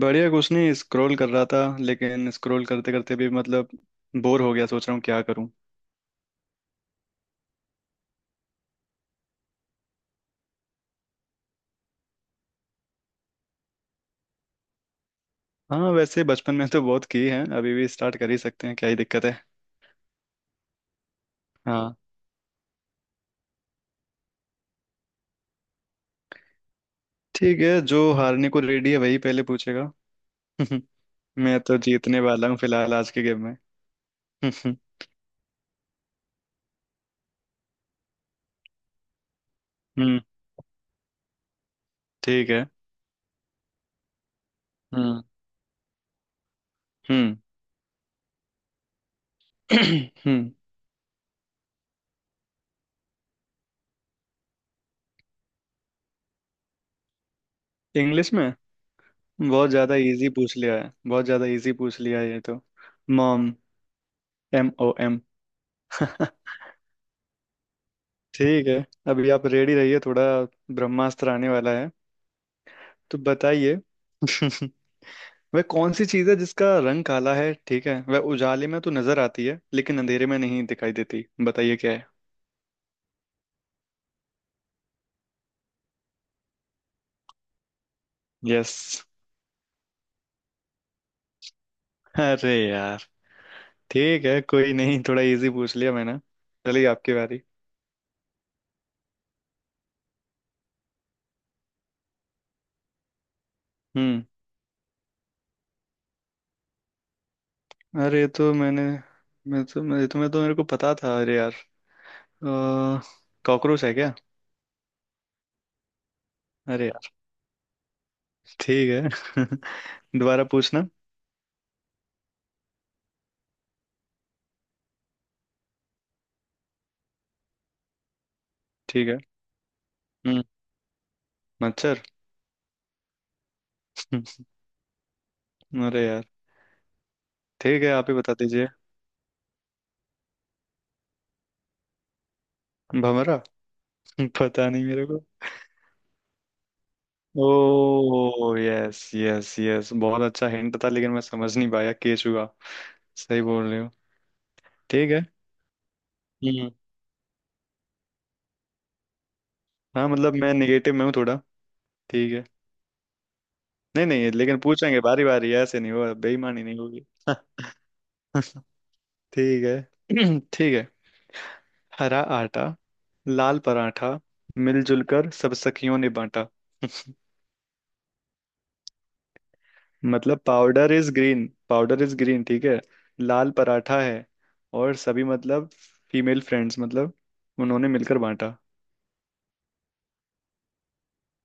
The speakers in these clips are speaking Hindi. बढ़िया। कुछ नहीं, स्क्रॉल कर रहा था, लेकिन स्क्रॉल करते करते भी मतलब बोर हो गया। सोच रहा हूँ क्या करूँ। हाँ, वैसे बचपन में तो बहुत की है। अभी भी स्टार्ट कर ही सकते हैं, क्या ही दिक्कत है। हाँ। ठीक है, जो हारने को रेडी है वही पहले पूछेगा। मैं तो जीतने वाला हूँ फिलहाल आज के गेम में। हम्म। ठीक है। हम्म। हम्म। हम्म इंग्लिश में? बहुत ज्यादा इजी पूछ लिया है, बहुत ज्यादा इजी पूछ लिया है ये तो। मॉम। MOM। ठीक है। अभी आप रेडी रहिए, थोड़ा ब्रह्मास्त्र आने वाला है। तो बताइए। वह कौन सी चीज है जिसका रंग काला है? ठीक है, वह उजाले में तो नजर आती है लेकिन अंधेरे में नहीं दिखाई देती। बताइए क्या है। यस। अरे यार। ठीक है, कोई नहीं, थोड़ा इजी पूछ लिया मैंने। चलिए, आपकी बारी। हम्म। अरे, ये तो मैं तो मेरे को पता था। अरे यार। अ, कॉकरोच है क्या? अरे यार। ठीक है। दोबारा पूछना। ठीक है। हम्म। मच्छर। अरे यार। ठीक है, आप ही बता दीजिए। भमरा। पता नहीं मेरे को। ओ, यस, यस, यस, बहुत अच्छा हिंट था लेकिन मैं समझ नहीं पाया। केचुआ। सही बोल रहे हो। ठीक है। हम्म। हाँ, मतलब मैं निगेटिव में हूँ थोड़ा। ठीक है। नहीं, नहीं, लेकिन पूछेंगे बारी बारी, ऐसे नहीं होगा, बेईमानी नहीं होगी। ठीक है। ठीक है। हरा आटा, लाल पराठा, मिलजुल कर सब सखियों ने बांटा। मतलब powder is green, powder is green, ठीक है। लाल पराठा है। और सभी मतलब फीमेल फ्रेंड्स, मतलब उन्होंने मिलकर बांटा।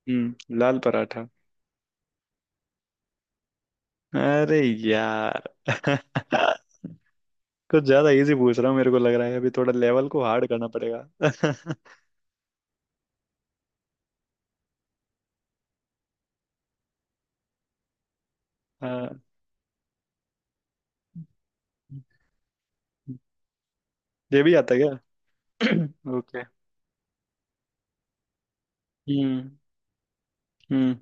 हम्म, लाल पराठा। अरे यार। कुछ ज्यादा इजी पूछ रहा हूँ मेरे को लग रहा है, अभी थोड़ा लेवल को हार्ड करना पड़ेगा। हाँ, ये भी आता है। क्या? ओके। हम्म। हम्म।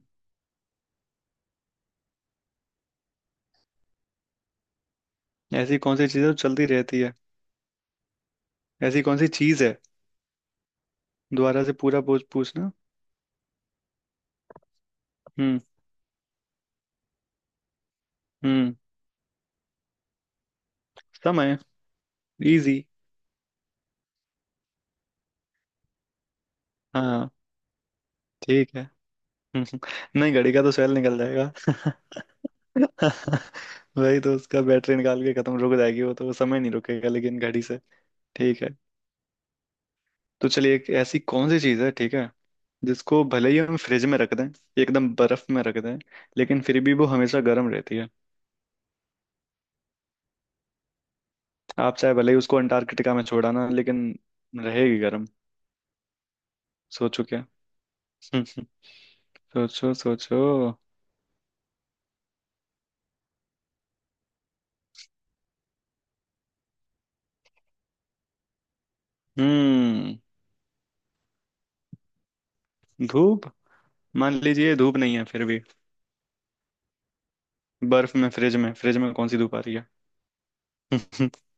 ऐसी कौन सी चीज़ है जो चलती रहती है। ऐसी कौन सी चीज़ है? दोबारा से पूरा पूछना। हम्म। हम्म। समय। इजी। हाँ, ठीक है। नहीं, घड़ी का तो सेल निकल जाएगा। वही तो, उसका बैटरी निकाल के खत्म रुक जाएगी वो तो। वो समय नहीं रुकेगा लेकिन घड़ी से। ठीक है। तो चलिए, एक ऐसी कौन सी चीज है, ठीक है, जिसको भले ही हम फ्रिज में रख दें, एकदम बर्फ में रख दें, लेकिन फिर भी वो हमेशा गर्म रहती है। आप चाहे भले ही उसको अंटार्कटिका में छोड़ाना लेकिन रहेगी गर्म। सोचो क्या। सोचो, सोचो। हम्म। धूप। मान लीजिए धूप नहीं है फिर भी। बर्फ में, फ्रिज में, फ्रिज में कौन सी धूप आ रही है?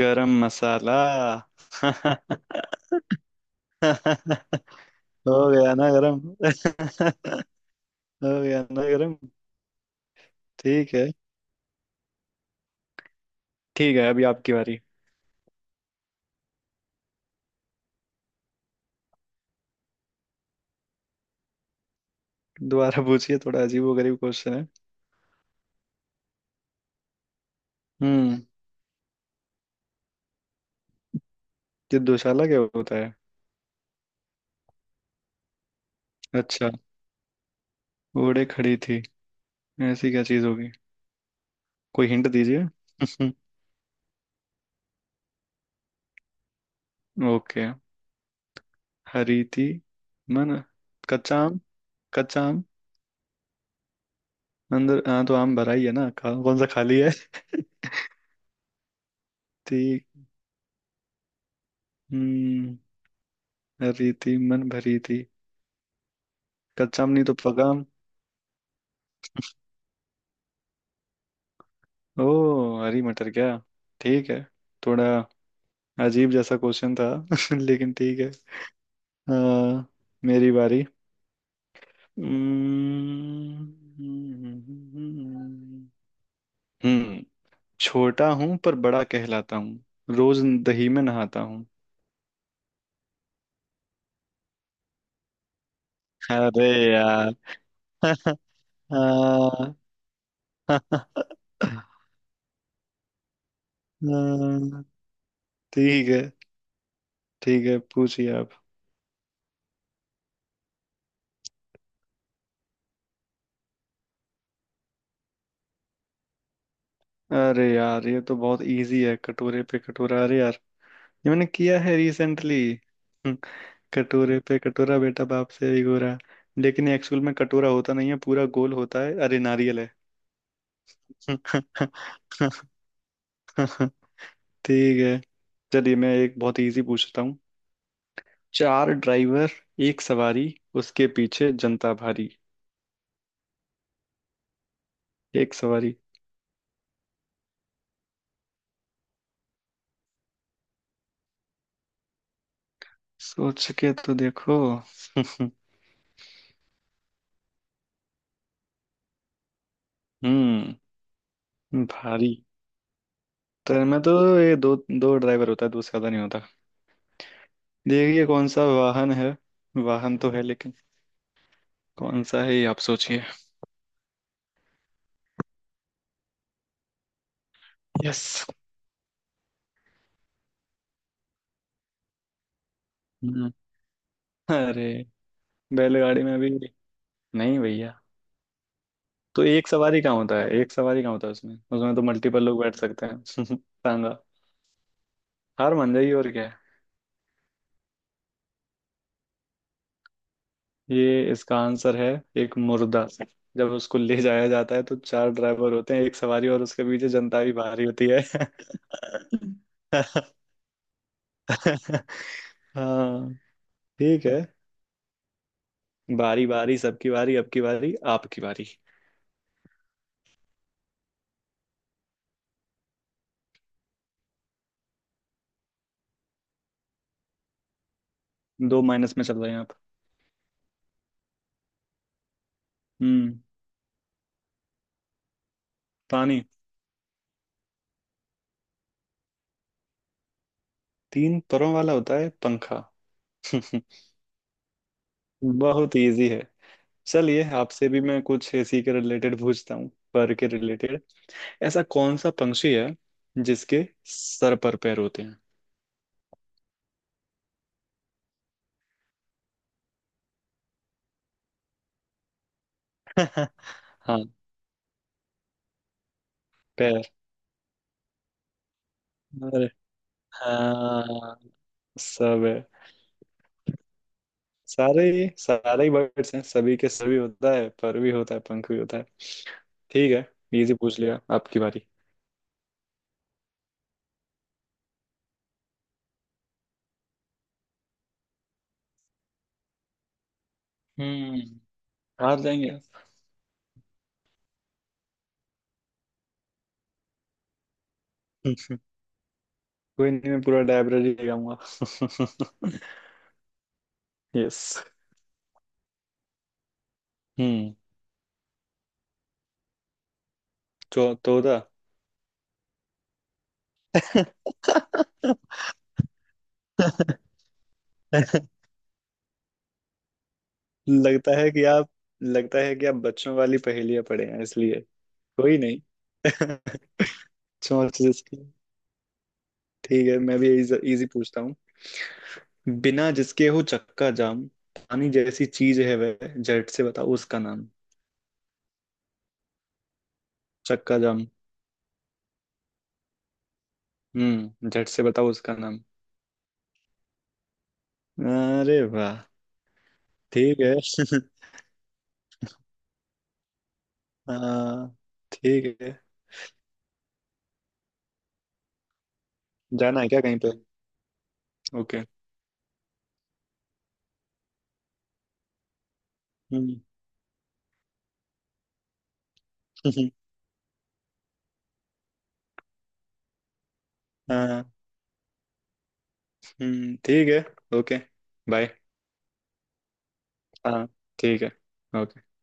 गरम मसाला। हो गया ना गरम। हो गया ना गरम। ठीक है। ठीक है, अभी आपकी बारी। दोबारा पूछिए, थोड़ा अजीबोगरीब क्वेश्चन है। हम्म, ये दुशाला क्या होता है? अच्छा। ओड़े खड़ी थी? ऐसी क्या चीज होगी? कोई हिंट दीजिए। ओके। हरी थी, मन। कच्चा आम, कच्चा आम। अंदर? हाँ, तो आम भरा ही है ना, कौन सा खाली है। थी। हम्म, हरी थी मन भरी थी। कच्चा आम नहीं तो पका आम। ओ। हरी मटर? क्या, ठीक है। थोड़ा अजीब जैसा क्वेश्चन था। लेकिन ठीक है। अ, मेरी बारी। हम्म। हम्म, हम्म, छोटा हूं पर बड़ा कहलाता हूँ, रोज दही में नहाता हूँ। अरे यार। हाँ। ठीक है। ठीक है, पूछिए आप। अरे यार, ये तो बहुत इजी है, कटोरे पे कटोरा। अरे, ये मैंने किया है रिसेंटली। कटोरे पे कटोरा, बेटा बाप से भी गोरा। लेकिन एक्चुअल में कटोरा होता नहीं है, पूरा गोल होता है। अरे, नारियल है। ठीक है, चलिए मैं एक बहुत इजी पूछता हूँ। चार ड्राइवर, एक सवारी, उसके पीछे जनता भारी। एक सवारी। सोच के तो देखो। हम्म। भारी। ट्रेन में तो ये दो, दो ड्राइवर होता है, दूसरा तो नहीं होता। देखिए, कौन सा वाहन है। वाहन तो है लेकिन कौन सा है, ये आप सोचिए। यस। हम्म। अरे, बैलगाड़ी में भी। नहीं भैया, तो एक सवारी कहाँ होता है? एक सवारी कहाँ होता है उसमें उसमें तो मल्टीपल लोग बैठ सकते हैं। सांगा, हार मान जाइए, और क्या है। ये इसका आंसर है, एक मुर्दा। जब उसको ले जाया जाता है तो चार ड्राइवर होते हैं, एक सवारी, और उसके पीछे जनता भी भारी होती है। हाँ। ठीक है। बारी बारी सबकी बारी, अब की बारी आपकी बारी। दो माइनस में चल रहे हैं आप। हम्म। पानी। तीन परों वाला होता है, पंखा। बहुत इजी है। चलिए, आपसे भी मैं कुछ इसी के रिलेटेड पूछता हूँ। पर के रिलेटेड। ऐसा कौन सा पंक्षी है जिसके सर पर पैर होते हैं? हाँ। पैर। अरे। हाँ, सब है। सारे ही बर्ड्स हैं, सभी के सभी होता है, पर भी होता है, पंख भी होता है। ठीक है, इजी पूछ लिया। आपकी बारी। हम्म। हार जाएंगे आप। कोई नहीं, मैं पूरा डायब्रेरी ले आऊंगा। यस। हम्म। चौ 14। लगता है कि आप लगता है कि आप बच्चों वाली पहेलियां पढ़े हैं इसलिए। कोई नहीं। सोच जिसकी। ठीक है, मैं भी इजी पूछता हूँ। बिना जिसके हो चक्का जाम, पानी जैसी चीज है वह, झट से बताओ उसका नाम। चक्का जाम। हम्म, झट से बताओ उसका नाम। अरे वाह। ठीक है। हाँ। ठीक है। जाना है क्या कहीं पे? ओके। हम्म। हाँ। ठीक है। ओके। बाय। हाँ। ठीक है। ओके।